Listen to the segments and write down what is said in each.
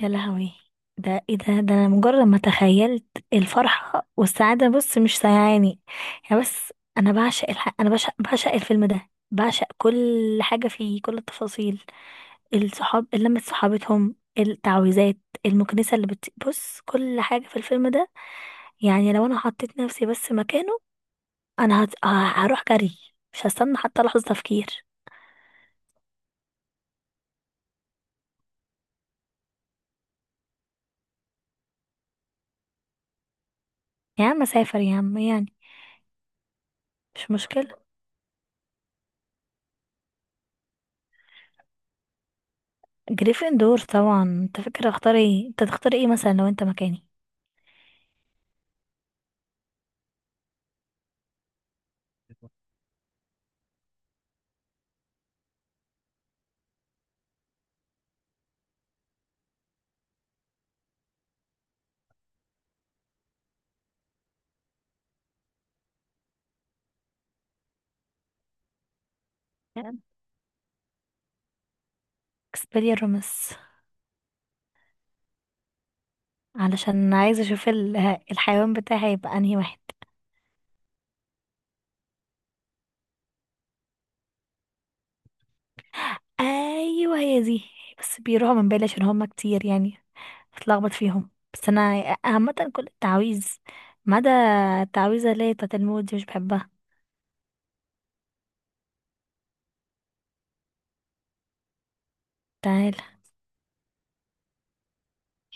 يا لهوي! ده ايه ده انا مجرد ما تخيلت الفرحة والسعادة، بص مش سايعاني. يعني بس انا بعشق الفيلم ده، بعشق كل حاجة فيه، كل التفاصيل. الصحاب، لمة صحابتهم، التعويذات، المكنسة اللي بص، كل حاجة في الفيلم ده. يعني لو انا حطيت نفسي بس مكانه، انا هت... ه- هروح جري، مش هستنى حتى لحظة تفكير. يا عم سافر يا عم، يعني مش مشكلة. جريفندور طبعا. انت فاكر اختار ايه؟ انت تختار ايه مثلا لو انت مكاني؟ اكسبيليرمس، علشان عايزه اشوف الحيوان بتاعي هيبقى انهي واحد. ايوه هي دي، بس بيروحوا من بالي عشان هما كتير يعني، بتلخبط فيهم، بس انا عامه كل التعاويذ ما عدا التعويذه اللي هي بتاعت الموت دي، مش بحبها. تعالى!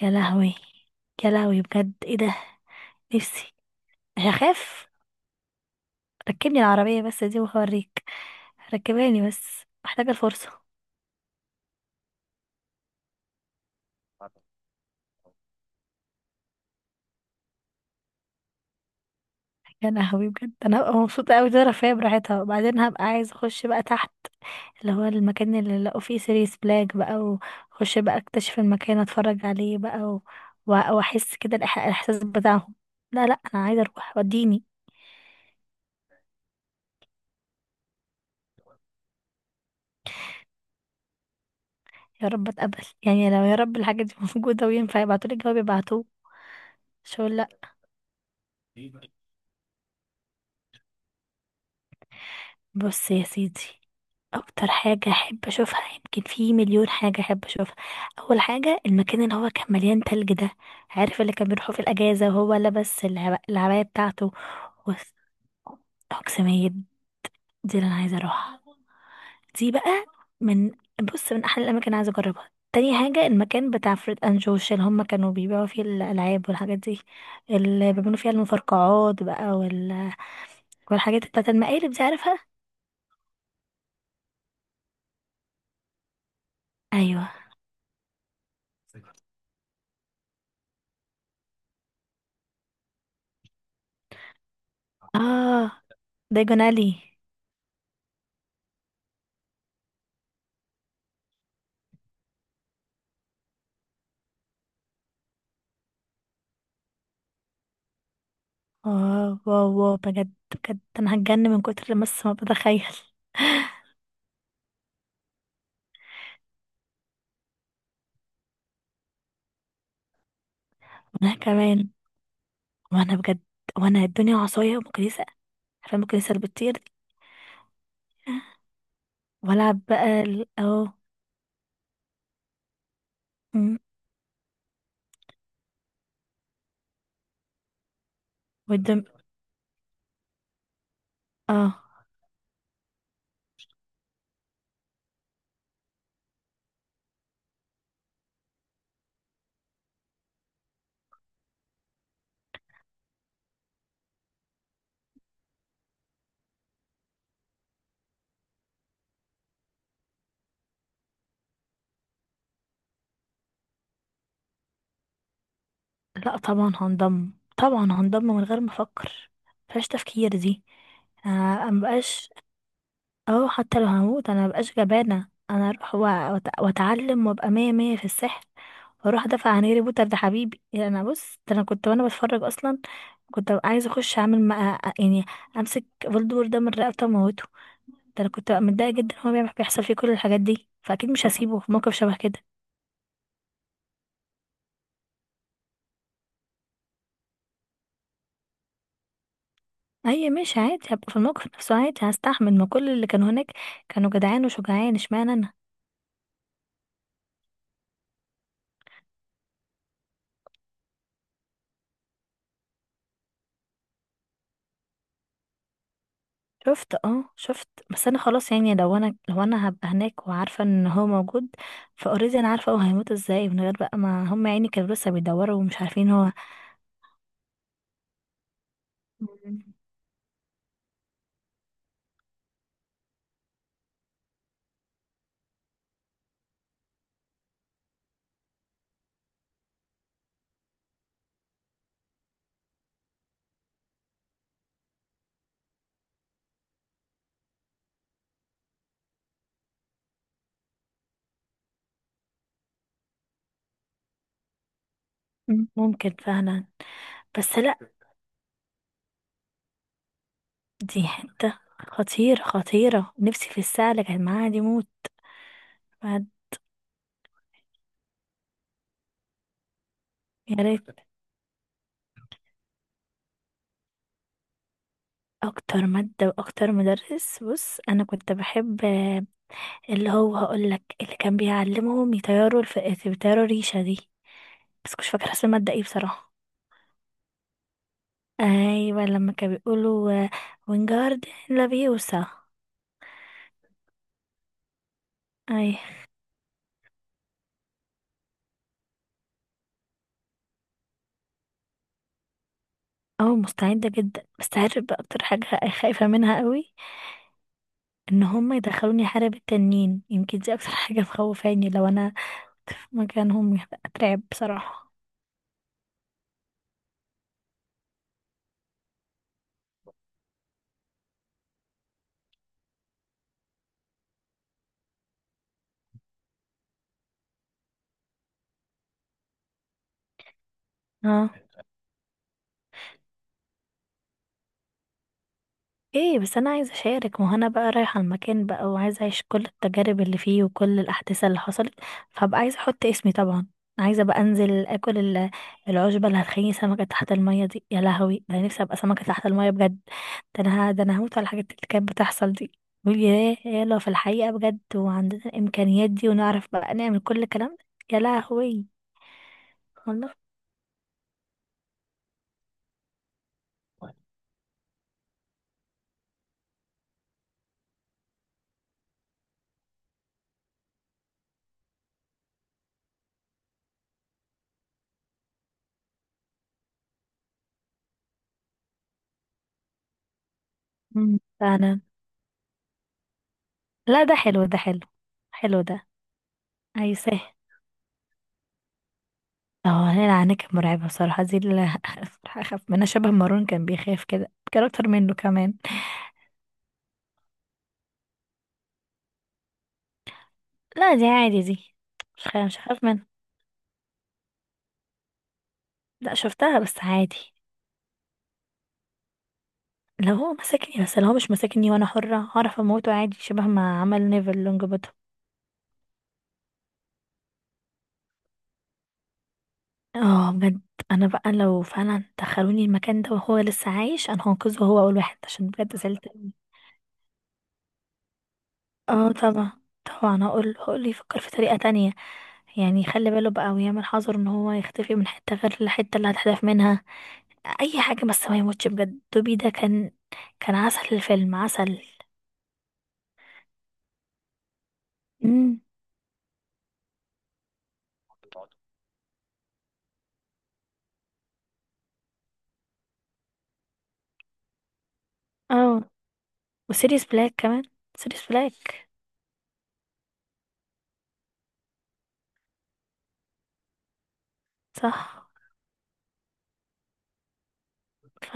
يا لهوي! يا لهوي، بجد ايه ده؟ نفسي. هخاف. ركبني العربيه بس دي وهوريك، ركباني بس محتاجه الفرصه. يا لهوي، بجد انا هبقى مبسوطه قوي، دي رفاهيه براحتها، وبعدين هبقى عايزه اخش بقى تحت، اللي هو المكان اللي لقوا فيه سيريس بلاك بقى، واخش بقى اكتشف المكان، اتفرج عليه بقى واحس كده الاحساس بتاعهم. لا، لا، انا عايزه اروح، وديني. يا رب اتقبل، يعني لو يا رب الحاجه دي موجوده وينفع يبعتولي الجواب يبعتوه، مش هقول لا. بص يا سيدي، اكتر حاجة احب اشوفها، يمكن في مليون حاجة احب اشوفها. اول حاجة المكان اللي هو كان مليان تلج ده، عارف اللي كان بيروحوا في الاجازة وهو لابس العباية بتاعته. وس- اقسمية، دي اللي انا عايزة اروحها، دي بقى من، بص من احلى الاماكن اللي عايزة اجربها. تاني حاجة المكان بتاع فريد اند جوش، اللي هم كانوا بيبيعوا فيه الالعاب والحاجات دي، اللي بيعملوا فيها المفرقعات بقى والحاجات بتاعت المقالب دي، عارفها. ايوه. اه، دايجون الي. واو، واو، واو، بجد بجد انا هتجن من كتر بس ما بتخيل. وانا كمان، وانا بجد، وانا الدنيا عصاية ومكنسة. عارفة المكنسة اللي بتطير دي، والعب بقى اهو. مم. والدم، اه لا، طبعا هنضم، طبعا هنضم من غير ما افكر، مفيهاش تفكير دي. انا مبقاش، اه حتى لو هموت انا مبقاش جبانة، انا اروح واتعلم وابقى مية مية في السحر، واروح ادافع عن هاري بوتر، ده حبيبي يعني، انا بص، ده انا كنت وانا بتفرج اصلا كنت ببقى عايزة اخش اعمل مع، يعني امسك فولدور ده من رقبته واموته. ده انا كنت ببقى متضايقة جدا، هو بيحصل فيه كل الحاجات دي، فاكيد مش هسيبه في موقف شبه كده. اي ماشي عادي، هبقى في الموقف نفسه عادي، هستحمل ما كل اللي كانوا هناك، كانوا جدعان وشجعان، اشمعنى. شفت، اه، شفت، بس انا خلاص، يعني لو انا هبقى هناك وعارفه ان هو موجود، فاوريدي انا عارفه هو هيموت ازاي، من غير بقى ما هم يعني كانوا لسه بيدوروا ومش عارفين هو. مم. ممكن فعلا، بس لا، دي حته خطيره، خطيره، نفسي في الساعه اللي كانت معاها دي موت. بعد- يا ريت. اكتر ماده واكتر مدرس، بص انا كنت بحب اللي هو، هقول لك اللي كان بيعلمهم يطيروا يطيروا الريشه دي، بس مش فاكره اسم الماده ايه بصراحه. ايوه، لما كانوا بيقولوا وينجارد لافيوسا. اي. اه، مستعده جدا، بس عارف بقى اكتر حاجه خايفه منها قوي؟ ان هم يدخلوني حرب التنين، يمكن دي اكتر حاجه مخوفاني، لو انا في مكانهم هبقى اترعب بصراحه. اه، ايه بس انا عايزه اشارك، وهنا بقى رايحه المكان بقى وعايزه اعيش كل التجارب اللي فيه وكل الاحداث اللي حصلت، فهبقى عايزه احط اسمي طبعا. عايزه بقى انزل اكل العشبه اللي هتخليني سمكه تحت الميه دي، يا لهوي ده انا نفسي ابقى سمكه تحت الميه بجد. ده انا هموت على الحاجات اللي كانت بتحصل دي، بقول ياه يا لو في الحقيقه بجد وعندنا الامكانيات دي ونعرف بقى نعمل كل الكلام ده، يا لهوي. والله. فانا. لا ده حلو، ده حلو، حلو ده، عايزاه. اه، ليلى عنها كانت مرعبة بصراحة، دي اللي بصراحة أخاف منها شبه مارون كان بيخاف كده، كان أكتر منه كمان. لا، دي عادي دي، مش خايف، مش هخاف منها. لا شفتها بس عادي. لو هو مسكني، بس لو هو مش مسكني وأنا حرة هعرف أموته عادي شبه ما عمل نيفل لونج بوتوم. اه بجد. أنا بقى لو فعلا دخلوني المكان ده وهو لسه عايش أنا هنقذه هو أول واحد، عشان بجد زعلت. اه طبعا، طبعا هقول يفكر في طريقة تانية، يعني يخلي باله بقى ويعمل حذر ان هو يختفي من حتة غير الحتة اللي هتحذف منها، اي حاجة بس ما يموتش، بجد دوبي ده كان عسل، الفيلم عسل. امم اه، وسيريس بلاك كمان، سيريس بلاك. صح. ف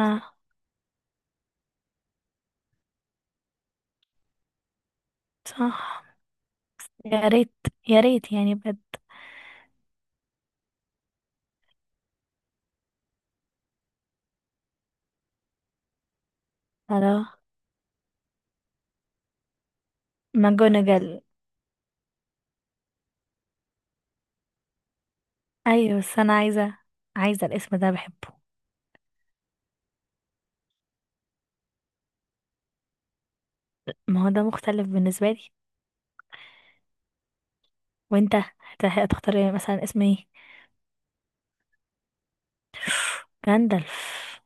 صح. يا ريت، يا ريت يعني بجد. هلا. ماجونجل. ايوه بس انا عايزة الاسم ده بحبه. ما هو ده مختلف بالنسبة لي. وانت هتختار إيه؟ مثلا اسم ايه؟ جندلف.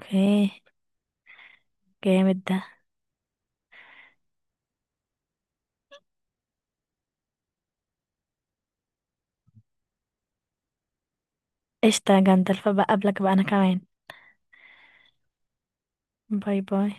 اوكي، جامد ده. قشطة يا جندلف، بقى قبلك بقى انا كمان. باي باي.